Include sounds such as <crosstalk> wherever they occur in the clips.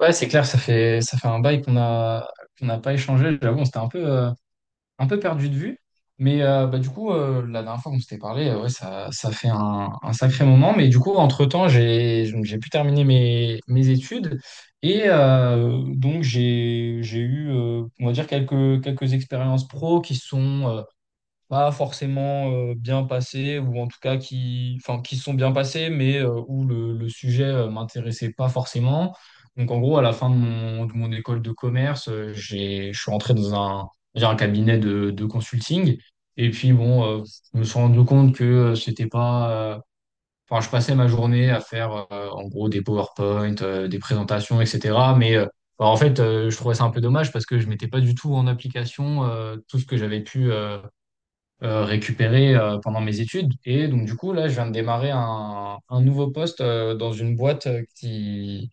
Ouais, c'est clair, ça fait un bail qu'on n'a pas échangé. J'avoue, on s'était un peu perdu de vue. Mais bah, du coup, la dernière fois qu'on s'était parlé, ouais, ça fait un sacré moment. Mais du coup, entre-temps, j'ai pu terminer mes études. Et donc, j'ai eu, on va dire, quelques expériences pro qui sont, pas forcément bien passées, ou en tout cas qui, enfin, qui sont bien passées, mais où le sujet m'intéressait pas forcément. Donc en gros, à la fin de de mon école de commerce, j'ai, je suis rentré dans un, j'ai un cabinet de consulting. Et puis bon, je me suis rendu compte que c'était pas, enfin, je passais ma journée à faire en gros des PowerPoint, des présentations, etc. Mais bah, en fait, je trouvais ça un peu dommage parce que je mettais pas du tout en application tout ce que j'avais pu, récupéré pendant mes études. Et donc, du coup, là, je viens de démarrer un nouveau poste dans une boîte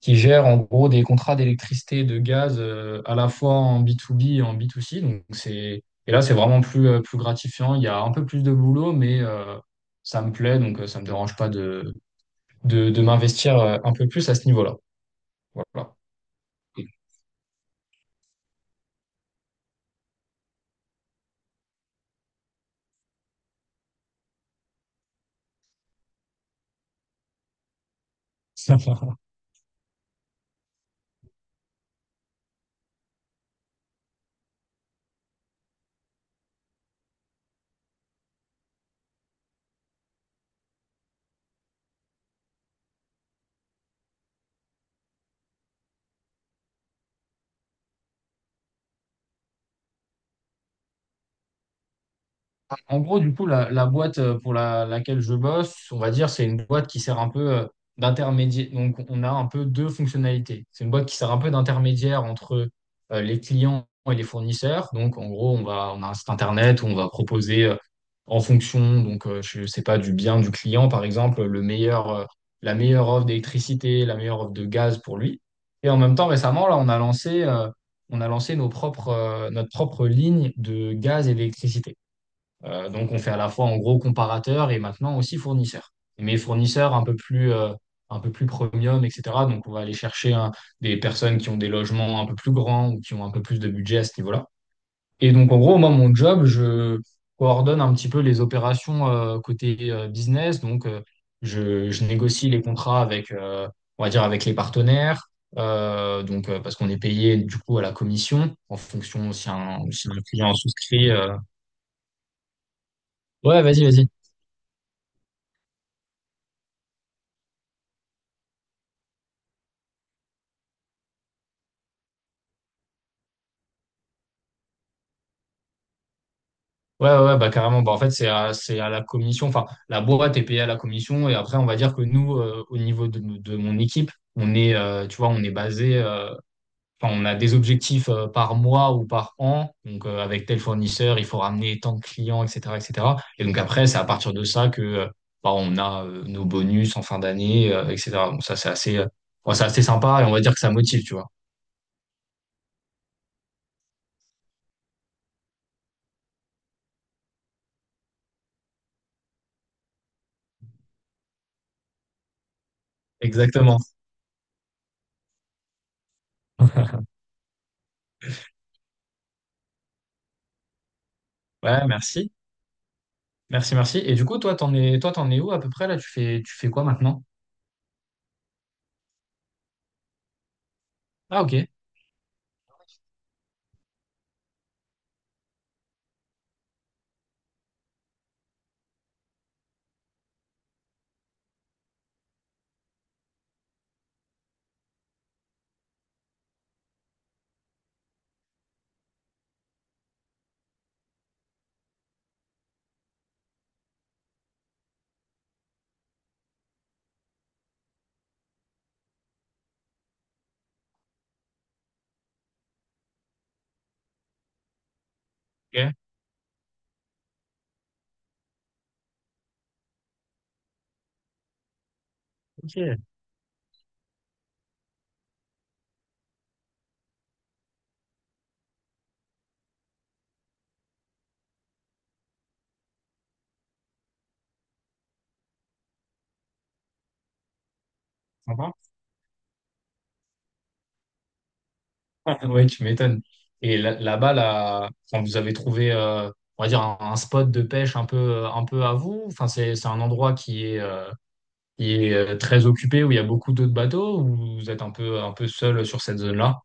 qui gère en gros des contrats d'électricité, de gaz à la fois en B2B et en B2C. Donc, et là, c'est vraiment plus, plus gratifiant. Il y a un peu plus de boulot, mais ça me plaît. Donc, ça me dérange pas de m'investir un peu plus à ce niveau-là. Voilà. <laughs> En gros, du coup, la boîte pour laquelle je bosse, on va dire, c'est une boîte qui sert un peu d'intermédiaire. Donc, on a un peu deux fonctionnalités. C'est une boîte qui sert un peu d'intermédiaire entre les clients et les fournisseurs. Donc, en gros, on a un site internet où on va proposer en fonction, donc, je sais pas, du bien du client, par exemple, la meilleure offre d'électricité, la meilleure offre de gaz pour lui. Et en même temps, récemment, là, on a lancé notre propre ligne de gaz et d'électricité. Donc, on fait à la fois en gros comparateur et maintenant aussi fournisseur. Mais fournisseur un peu plus premium, etc. Donc, on va aller chercher, hein, des personnes qui ont des logements un peu plus grands ou qui ont un peu plus de budget à ce niveau-là. Et donc, en gros, moi, mon job, je coordonne un petit peu les opérations côté business. Donc, je négocie les contrats avec, on va dire, avec les partenaires. Donc, parce qu'on est payé du coup à la commission en fonction si si un client souscrit. Ouais, vas-y, vas-y. Ouais, ouais, ouais, bah, carrément. Bah, en fait, c'est à la commission. Enfin, la boîte est payée à la commission. Et après, on va dire que nous, au niveau de mon équipe, tu vois, on est basé. Enfin, on a des objectifs par mois ou par an. Donc, avec tel fournisseur, il faut ramener tant de clients, etc., etc. Et cetera. Et donc après, c'est à partir de ça que bah, on a nos bonus en fin d'année, etc. Donc ça, c'est assez, ouais, c'est assez sympa et on va dire que ça motive, tu vois. Exactement. Ouais, merci. Merci, merci. Et du coup, toi, t'en es où à peu près là? Tu fais quoi maintenant? Ah, ok, ok, ok, sympa. <laughs> Ouais, tu m'étonnes. Et là-bas, là, quand vous avez trouvé, on va dire, un spot de pêche un peu à vous, enfin, c'est un endroit qui est très occupé, où il y a beaucoup d'autres bateaux, ou vous êtes un peu seul sur cette zone-là?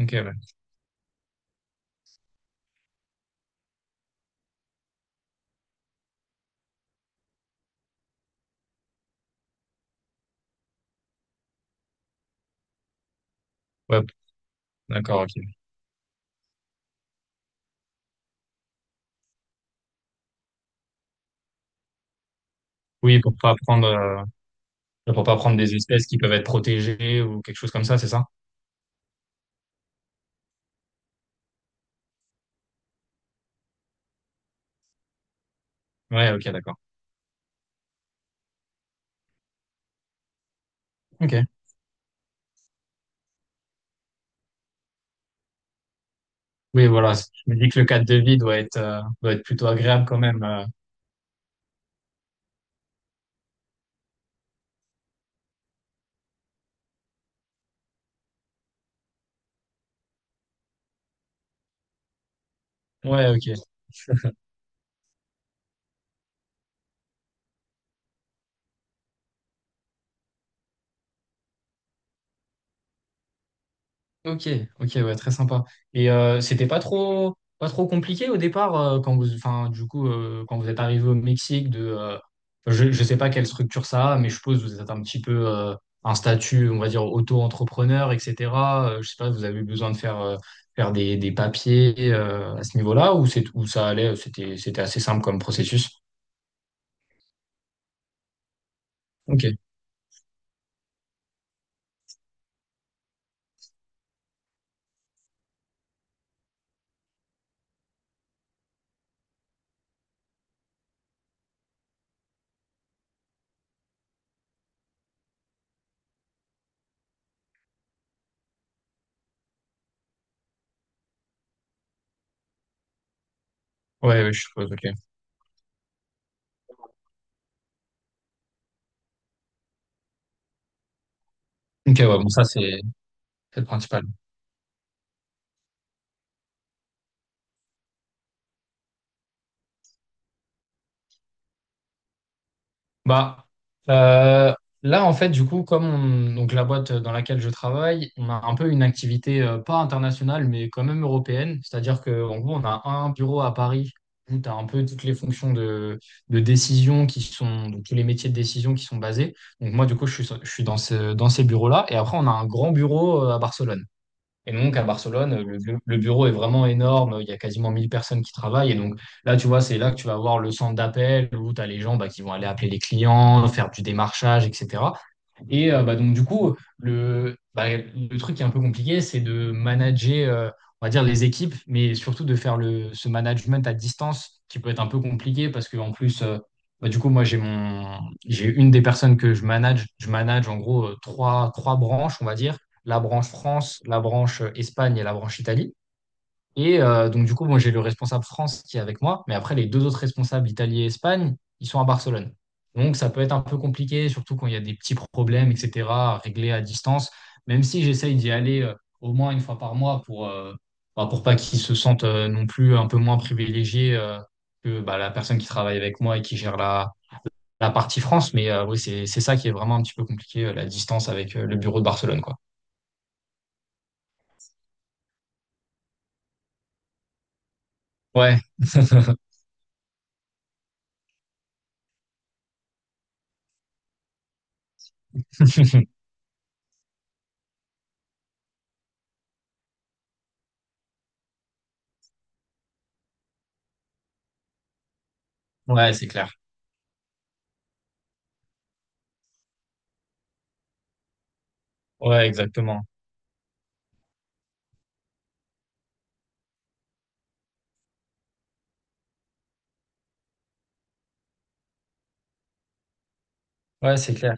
Ok, ouais. Ouais, d'accord, ok. Oui, pour pas prendre des espèces qui peuvent être protégées ou quelque chose comme ça, c'est ça? Ouais, ok, d'accord. Ok. Oui, voilà. Je me dis que le cadre de vie doit être, doit être, plutôt agréable quand même. Ouais, ok. Ok, ok, ouais, très sympa. Et c'était pas trop compliqué au départ enfin, du coup, quand vous êtes arrivé au Mexique, je sais pas quelle structure ça a, mais je suppose que vous êtes un petit peu un statut, on va dire, auto-entrepreneur, etc. Je sais pas, vous avez eu besoin de faire, faire des papiers à ce niveau-là ou où ça allait, c'était assez simple comme processus. Ok, ouais, ouais, je suppose, ok. Ok, ouais, bon, ça c'est. C'est le principal. Bah, euh, là, en fait, du coup, comme donc la boîte dans laquelle je travaille, on a un peu une activité pas internationale, mais quand même européenne. C'est-à-dire qu'en gros, on a un bureau à Paris où tu as un peu toutes les fonctions de décision donc tous les métiers de décision qui sont basés. Donc moi, du coup, je suis dans dans ces bureaux-là. Et après, on a un grand bureau à Barcelone. Et donc, à Barcelone, le bureau est vraiment énorme. Il y a quasiment 1 000 personnes qui travaillent. Et donc, là, tu vois, c'est là que tu vas avoir le centre d'appel où tu as les gens, bah, qui vont aller appeler les clients, faire du démarchage, etc. Et bah, donc, du coup, bah, le truc qui est un peu compliqué, c'est de manager, on va dire, les équipes, mais surtout de faire ce management à distance qui peut être un peu compliqué parce qu'en plus, bah, du coup, moi, j'ai une des personnes que je manage. Je manage en gros trois branches, on va dire, la branche France, la branche Espagne et la branche Italie. Et donc, du coup, bon, j'ai le responsable France qui est avec moi, mais après, les deux autres responsables, Italie et Espagne, ils sont à Barcelone. Donc, ça peut être un peu compliqué, surtout quand il y a des petits problèmes, etc., à régler à distance, même si j'essaye d'y aller au moins une fois par mois bah, pour pas qu'ils se sentent non plus un peu moins privilégiés que, bah, la personne qui travaille avec moi et qui gère la partie France. Mais oui, c'est ça qui est vraiment un petit peu compliqué, la distance avec le bureau de Barcelone, quoi. Ouais, <laughs> ouais, c'est clair. Ouais, exactement. Ouais, c'est clair.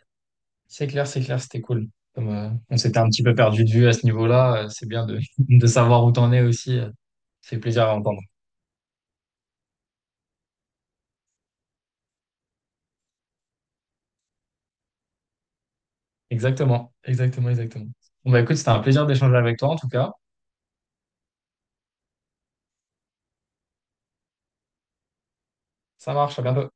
C'est clair, c'est clair, c'était cool. Comme, on s'était un petit peu perdu de vue à ce niveau-là, c'est bien de, <laughs> de savoir où t'en es aussi. Ça fait plaisir à entendre. Exactement, exactement, exactement. Bon, bah, écoute, c'était un plaisir d'échanger avec toi en tout cas. Ça marche, à bientôt.